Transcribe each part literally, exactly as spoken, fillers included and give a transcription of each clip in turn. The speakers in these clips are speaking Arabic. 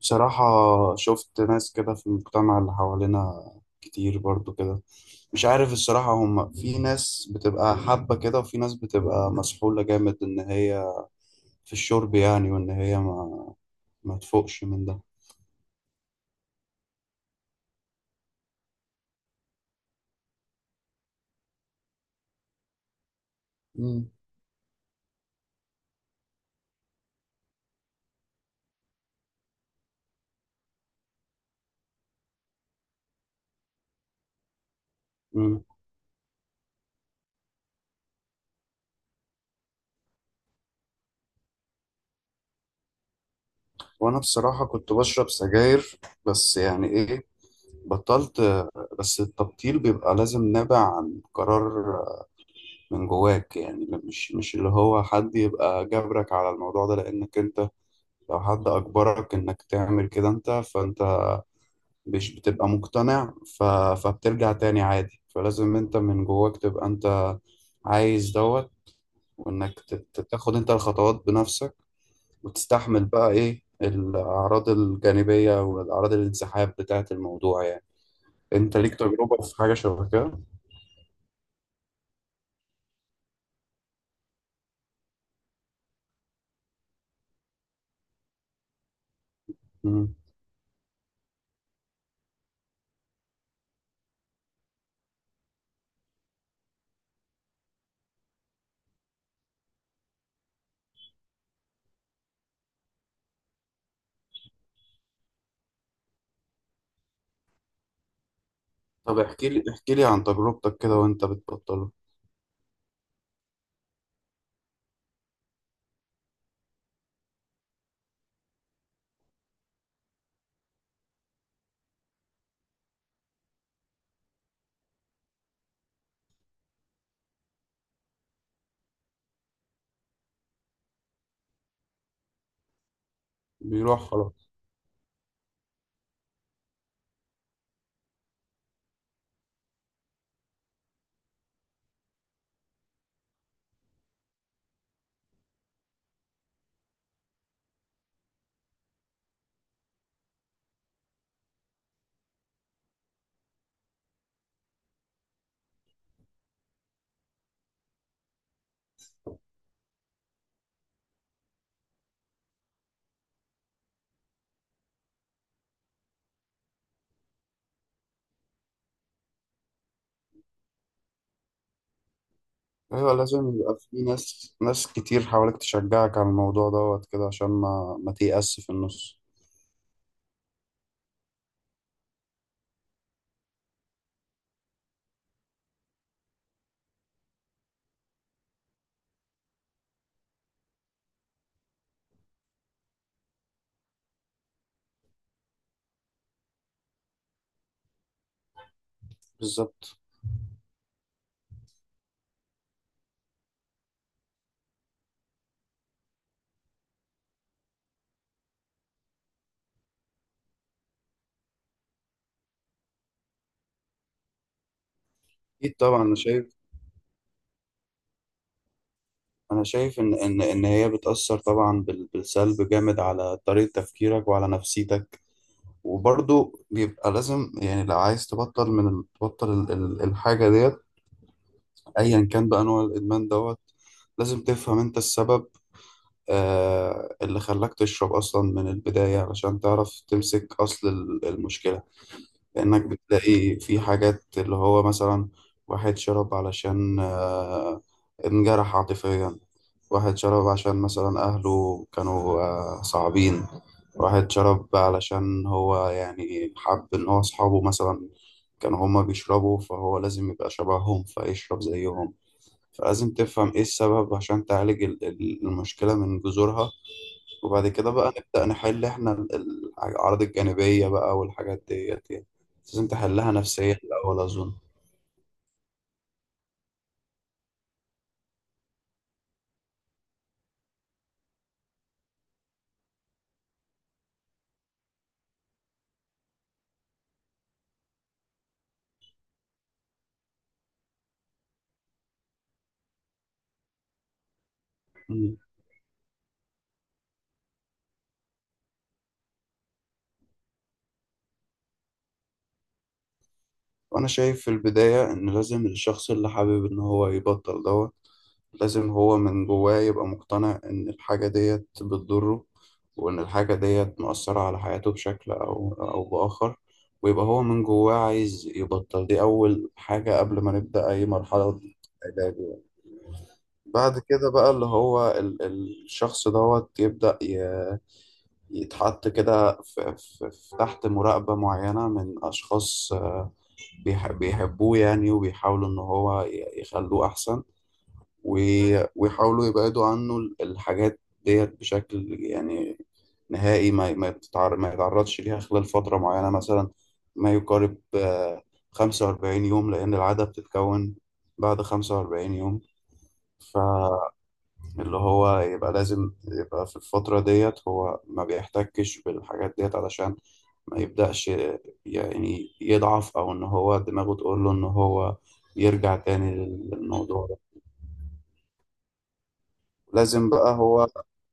بصراحة، شفت ناس كده في المجتمع اللي حوالينا كتير برضو كده. مش عارف الصراحة، هم في ناس بتبقى حابة كده وفي ناس بتبقى مسحولة جامد إن هي في الشرب، يعني وإن هي ما ما تفوقش من ده. مم. مم. وأنا بصراحة كنت بشرب سجاير، بس يعني إيه، بطلت. بس التبطيل بيبقى لازم نابع عن قرار من جواك، يعني مش مش اللي هو حد يبقى جبرك على الموضوع ده، لأنك أنت لو حد أجبرك إنك تعمل كده أنت، فأنت مش بتبقى مقتنع ف... فبترجع تاني عادي. فلازم أنت من جواك تبقى أنت عايز دوت، وإنك تت- تاخد أنت الخطوات بنفسك، وتستحمل بقى إيه الأعراض الجانبية والأعراض الانسحاب بتاعة الموضوع يعني. أنت ليك تجربة في حاجة شبه كده؟ مم. طب احكي لي، احكي لي عن تجربتك كده وأنت بتبطله. بيروح خلاص. ايوه، لازم يبقى في ناس ناس كتير حواليك تشجعك على الموضوع دوت كده، عشان ما ما تيأس في النص. بالظبط. اكيد طبعا انا شايف، انا شايف ان ان ان هي بتأثر طبعا بال- بالسلب جامد على طريقة تفكيرك وعلى نفسيتك. وبرضه بيبقى لازم، يعني لو عايز تبطل من ال- تبطل ال- ال- الحاجة ديت، ايا كان بقى نوع الادمان دوت. لازم تفهم انت السبب، آه اللي خلاك تشرب اصلا من البداية علشان تعرف تمسك اصل ال- المشكلة. لأنك بتلاقي في حاجات، اللي هو مثلا واحد شرب علشان آه، انجرح عاطفيا، واحد شرب عشان مثلا أهله كانوا آه، صعبين، واحد شرب علشان هو يعني حب إن هو أصحابه مثلا كانوا هما بيشربوا، فهو لازم يبقى شبههم فيشرب زيهم. فلازم تفهم إيه السبب عشان تعالج ال- ال- المشكلة من جذورها، وبعد كده بقى نبدأ نحل احنا ال- ال- الأعراض الجانبية بقى والحاجات ديت يعني. لازم تحلها نفسيا الأول أظن. مم. وأنا شايف في البداية إن لازم الشخص اللي حابب إن هو يبطل دوت، لازم هو من جواه يبقى مقتنع إن الحاجة ديت بتضره، وإن الحاجة ديت مؤثرة على حياته بشكل أو أو بآخر، ويبقى هو من جواه عايز يبطل. دي أول حاجة قبل ما نبدأ أي مرحلة علاج. بعد كده بقى اللي هو ال- ال- الشخص دوت يبدأ ي- يتحط كده في في- في- تحت مراقبة معينة من أشخاص بيح- بيحبوه يعني، وبيحاولوا إن هو ي- يخلوه أحسن، وي- ويحاولوا يبعدوا عنه ال- الحاجات ديت بشكل يعني نهائي، ما ما يتعر- ما يتعرضش ليها خلال فترة معينة، مثلا ما يقارب آه، خمسة وأربعين يوم، لأن العادة بتتكون بعد خمسة وأربعين يوم. ف اللي هو يبقى لازم يبقى في الفترة ديت هو ما بيحتكش بالحاجات ديت، علشان ما يبدأش يعني يضعف، أو إن هو دماغه تقول له إن هو يرجع تاني للموضوع ده. لازم بقى هو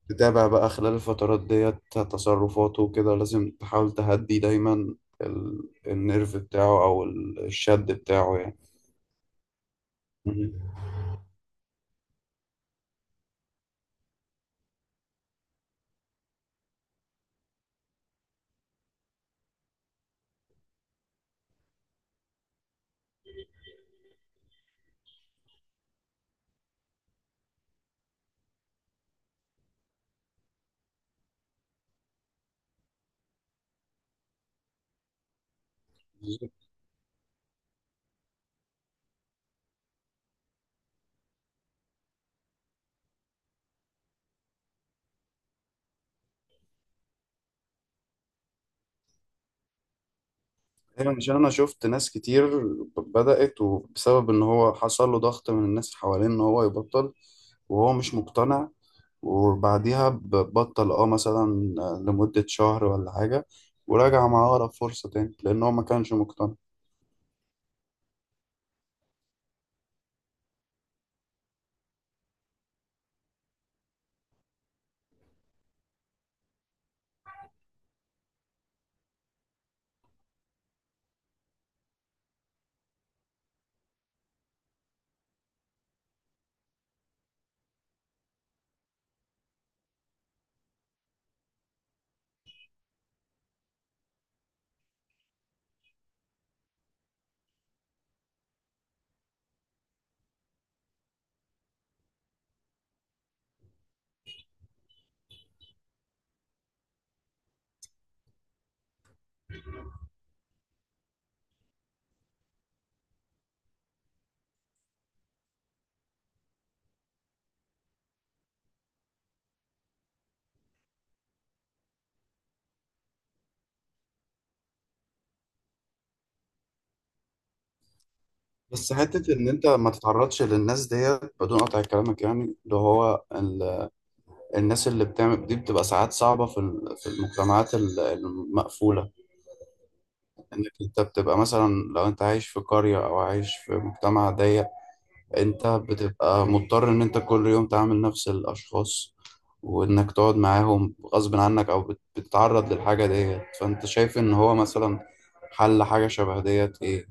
تتابع بقى خلال الفترات ديت تصرفاته وكده، لازم تحاول تهدي دايما ال- النيرف بتاعه أو ال- الشد بتاعه يعني. مهم. ايوه، عشان انا شفت ناس كتير بدأت، وبسبب ان هو حصل له ضغط من الناس اللي حواليه ان هو يبطل وهو مش مقتنع، وبعديها ب- بطل اه مثلا لمدة شهر ولا حاجة، وراجع مع أقرب فرصة تاني لأن هو ما كانش مقتنع. بس حتة إن أنت ما تتعرضش للناس ديت، بدون قطع كلامك يعني، اللي هو ال... الناس اللي بتعمل دي بتبقى ساعات صعبة في ال... في المجتمعات ال- المقفولة، إنك أنت بتبقى مثلا لو أنت عايش في قرية أو عايش في مجتمع ضيق، انت بتبقى مضطر ان انت كل يوم تعامل نفس الاشخاص، وانك تقعد معاهم غصب عنك، او بت- بتتعرض للحاجة ديت. فانت شايف ان هو مثلا حل حاجة شبه ديت ايه؟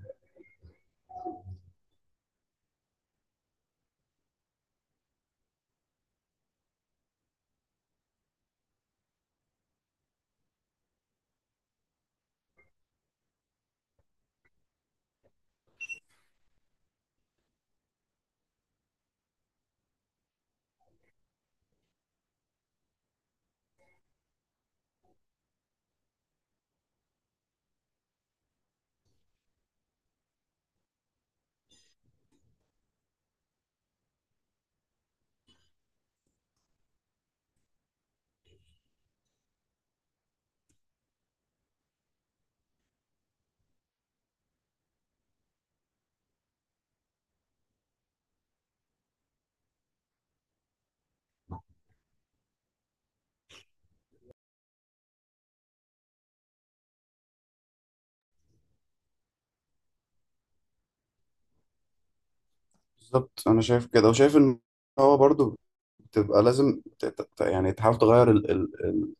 بالظبط. انا شايف كده، وشايف ان هو برضو بتبقى لازم ت- ت- ت- يعني تحاول تغير ال- ال- ال-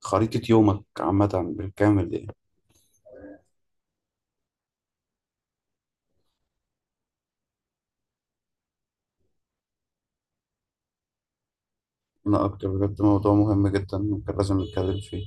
خريطة يومك عامة بالكامل دي. انا اكتر بجد، موضوع مهم جدا ممكن لازم نتكلم فيه.